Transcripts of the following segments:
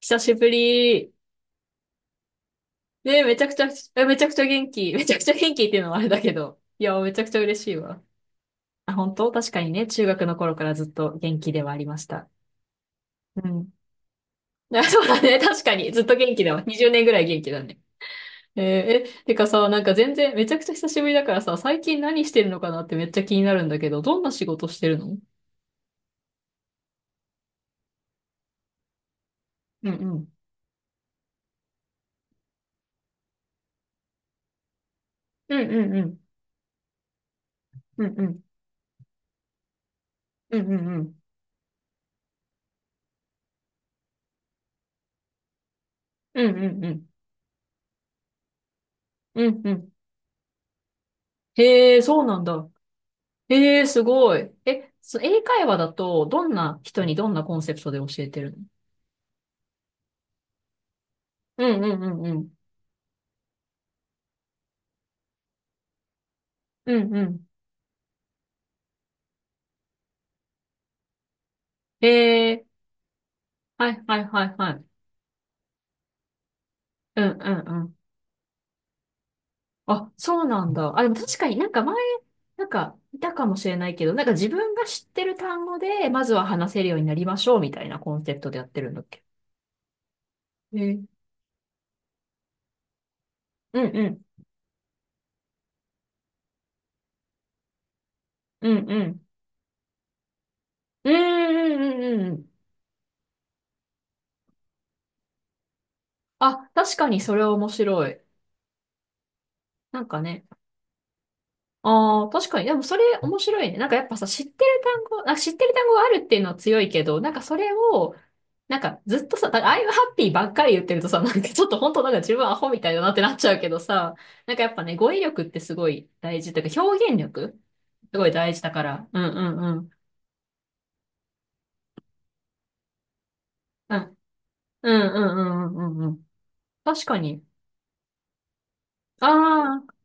久しぶり。ね、めちゃくちゃ元気。めちゃくちゃ元気っていうのもあれだけど。いや、めちゃくちゃ嬉しいわ。あ、本当確かにね、中学の頃からずっと元気ではありました。うん。あ、そうだね、確かに。ずっと元気だわ。20年ぐらい元気だね。えーえ、てかさ、なんか全然、めちゃくちゃ久しぶりだからさ、最近何してるのかなってめっちゃ気になるんだけど、どんな仕事してるの？うんうん。うんうんうん。うんうん。うんうんうん。うんうんうん。うんうん。へえ、そうなんだ。ええ、すごい。え、英会話だと、どんな人にどんなコンセプトで教えてるの？うんうんうんうん。うんうん。ええ、はいはいはいはい。うんうんうん。あ、そうなんだ。あ、でも確かになんか前、なんか、いたかもしれないけど、なんか自分が知ってる単語で、まずは話せるようになりましょうみたいなコンセプトでやってるんだっけ？ええ。うんうん。うんうん。うんうんうんうんうん。あ、確かにそれは面白い。なんかね、ああ、確かに。でもそれ面白いね。なんかやっぱさ、知ってる単語があるっていうのは強いけど、なんかそれを、なんかずっとさ、だから I'm happy ばっかり言ってるとさ、なんかちょっと本当なんか自分アホみたいだなってなっちゃうけどさ、なんかやっぱね、語彙力ってすごい大事というか、表現力すごい大事だから。うんうんうん。うん、うんうんうんうんうんうん。確かに。ああ、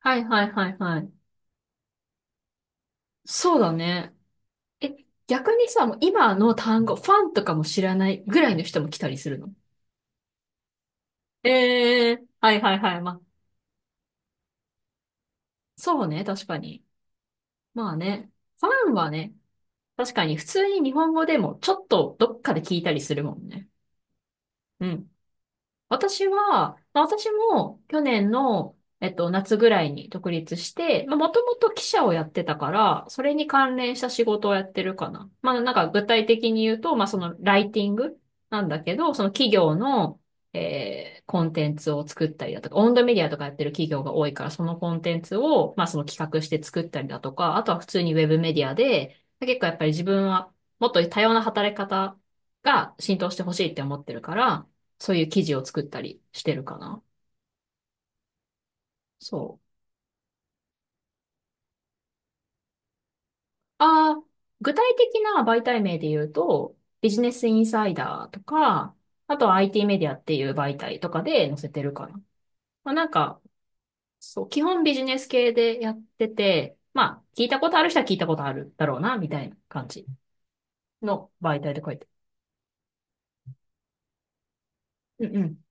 はいはいはいはい。そうだね。え、逆にさ、もう今の単語、ファンとかも知らないぐらいの人も来たりするの？ええ、はいはいはい。まあ、そうね、確かに。まあね、ファンはね、確かに普通に日本語でもちょっとどっかで聞いたりするもんね。うん。私は、まあ、私も去年の、夏ぐらいに独立して、まあ、もともと記者をやってたから、それに関連した仕事をやってるかな。まあ、なんか具体的に言うと、まあ、そのライティングなんだけど、その企業の、コンテンツを作ったりだとか、オウンドメディアとかやってる企業が多いから、そのコンテンツを、まあ、その企画して作ったりだとか、あとは普通にウェブメディアで、結構やっぱり自分はもっと多様な働き方が浸透してほしいって思ってるから、そういう記事を作ったりしてるかな。そう。ああ、具体的な媒体名で言うと、ビジネスインサイダーとか、あとは IT メディアっていう媒体とかで載せてるかな。まあなんか、そう、基本ビジネス系でやってて、まあ、聞いたことある人は聞いたことあるだろうな、みたいな感じの媒体で書いて。うんうん。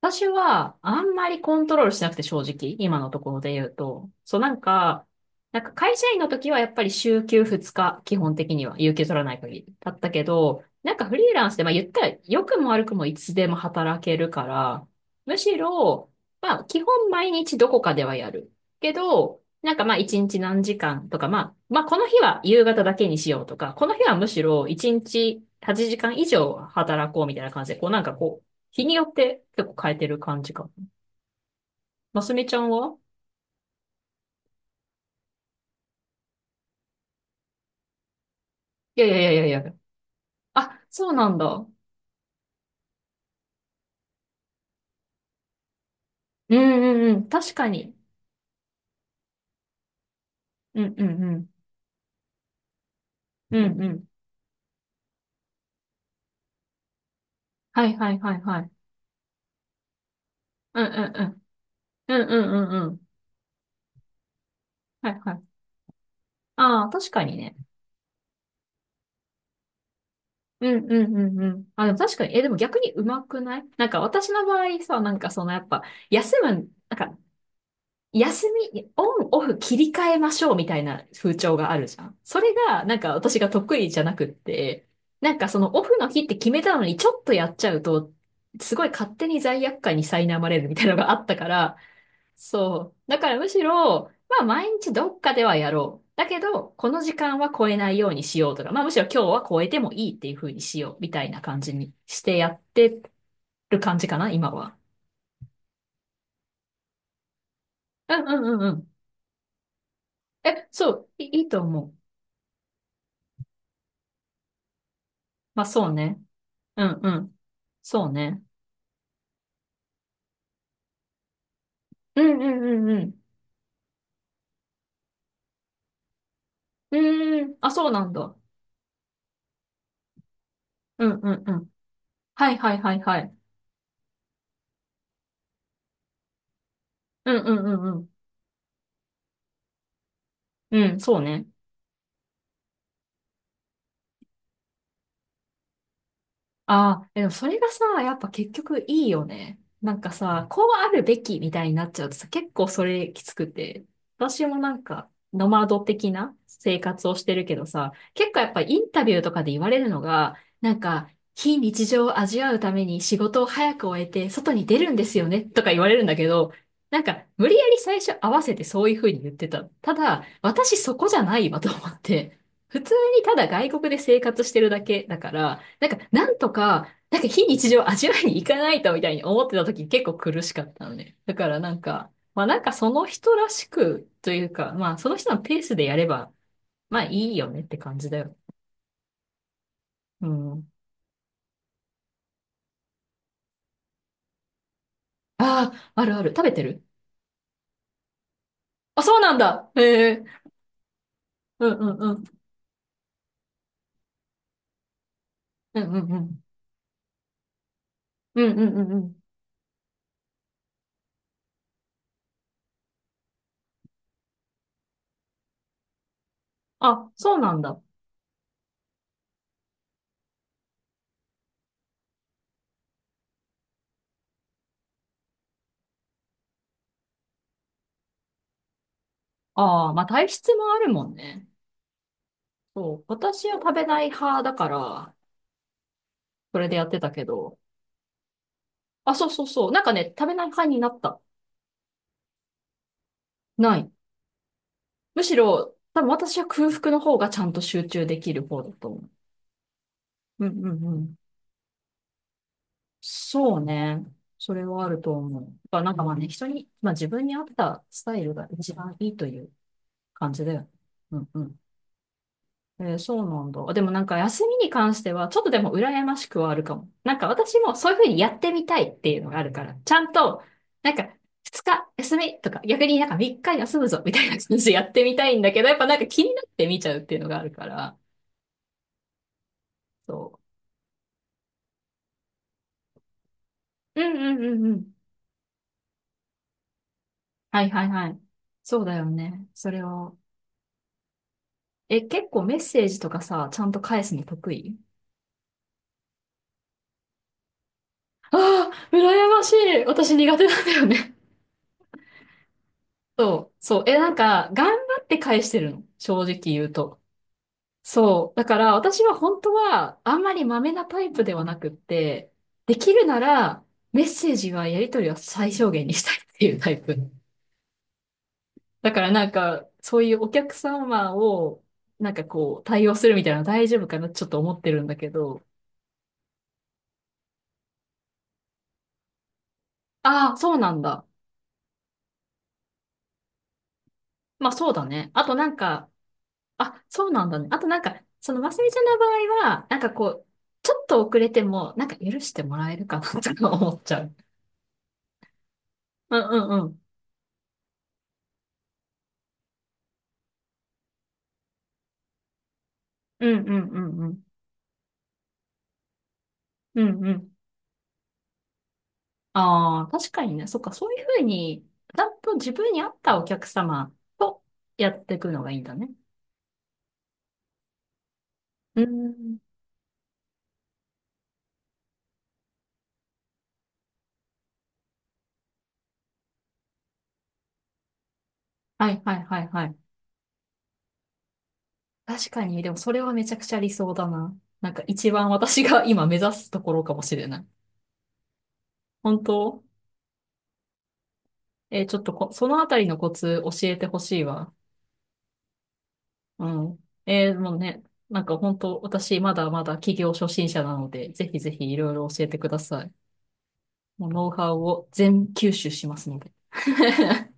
私は、あんまりコントロールしなくて正直、今のところで言うと。そう、なんか、なんか会社員の時はやっぱり週休2日、基本的には、有給取らない限りだったけど、なんかフリーランスで、まあ言ったら、良くも悪くもいつでも働けるから、むしろ、まあ基本毎日どこかではやる。けど、なんかまあ一日何時間とか、まあ、まあこの日は夕方だけにしようとか、この日はむしろ一日8時間以上働こうみたいな感じで、こうなんかこう、日によって結構変えてる感じか。ますみちゃんは？いやいやいやいやいや。あ、そうなんだ。うんうんうん。確かに。うんうんうん。うんうん。はいはいはいはい。うんうんうん。うんうんうんうん。はいはい。ああ、確かにね。うんうんうんうん。あ、でも確かに。え、でも逆にうまくないなんか私の場合さ、なんかそのやっぱ、休む、なんか休み、オン、オフ切り替えましょうみたいな風潮があるじゃん。それが、なんか私が得意じゃなくって、なんかそのオフの日って決めたのにちょっとやっちゃうと、すごい勝手に罪悪感に苛まれるみたいなのがあったから、そう。だからむしろ、まあ毎日どっかではやろう。だけど、この時間は超えないようにしようとか、まあむしろ今日は超えてもいいっていう風にしようみたいな感じにしてやってる感じかな、今は。うんうんうんうん。え、そう、いいと思う。まあそうね。うんうん。そうね。うんうんうんうん。うーん。あ、そうなんだ。うんうんうん。はいはいはいはい。うんうんうんうん。うん、そうね。ああ、でもそれがさ、やっぱ結局いいよね。なんかさ、こうあるべきみたいになっちゃうとさ、結構それきつくて。私もなんか、ノマド的な生活をしてるけどさ、結構やっぱインタビューとかで言われるのが、なんか、非日常を味わうために仕事を早く終えて外に出るんですよねとか言われるんだけど、なんか、無理やり最初合わせてそういう風に言ってた。ただ、私そこじゃないわと思って。普通にただ外国で生活してるだけだから、なんか、なんとか、なんか非日常を味わいに行かないとみたいに思ってた時結構苦しかったのね。だからなんか、まあなんかその人らしくというか、まあその人のペースでやれば、まあいいよねって感じだよ。うん。ああ、あるある。食べてる？あ、そうなんだ。へえ。うんうんうん。うんうんうん。うんうんうんうん。あ、そうなんだ。ああ、まあ体質もあるもんね。そう。私は食べない派だから、それでやってたけど、あ、そうそうそう。なんかね、食べない感になった。ない。むしろ、多分私は空腹の方がちゃんと集中できる方だと思う。うんうんうん。そうね。それはあると思う。やっぱなんかまあね、人に、まあ自分に合ったスタイルが一番いいという感じだよね。うんうん。そうなんだ。でもなんか休みに関しては、ちょっとでも羨ましくはあるかも。なんか私もそういうふうにやってみたいっていうのがあるから、ちゃんと、なんか2日休みとか、逆になんか3日休むぞみたいな感じでやってみたいんだけど、やっぱなんか気になって見ちゃうっていうのがあるから、そう。うんうんうんうん。はいはいはい。そうだよね。それを。え、結構メッセージとかさ、ちゃんと返すの得意？ああー、羨ましい。私苦手なんだよね。そう、そう。え、なんか、頑張って返してるの。正直言うと。そう。だから、私は本当は、あんまりマメなタイプではなくって、できるなら、メッセージはやり取りは最小限にしたいっていうタイプ。だからなんか、そういうお客様を、なんかこう、対応するみたいなの大丈夫かなってちょっと思ってるんだけど、ああ、そうなんだ。まあそうだね。あとなんか、あ、そうなんだね。あとなんか、その、ますみちゃんの場合は、なんかこう、ちょっと遅れても、なんか許してもらえるかなとか思っちゃう。うんうんうん。うんうんうんうん。うんうん。ああ、確かにね。そっか、そういうふうに、ちゃんと自分に合ったお客様とやっていくのがいいんだね。うん。はいはいはいはい。確かに、でもそれはめちゃくちゃ理想だな。なんか一番私が今目指すところかもしれない。本当？ちょっとそのあたりのコツ教えてほしいわ。うん。もうね、なんか本当、私まだまだ起業初心者なので、ぜひぜひいろいろ教えてください。もうノウハウを全吸収しますので。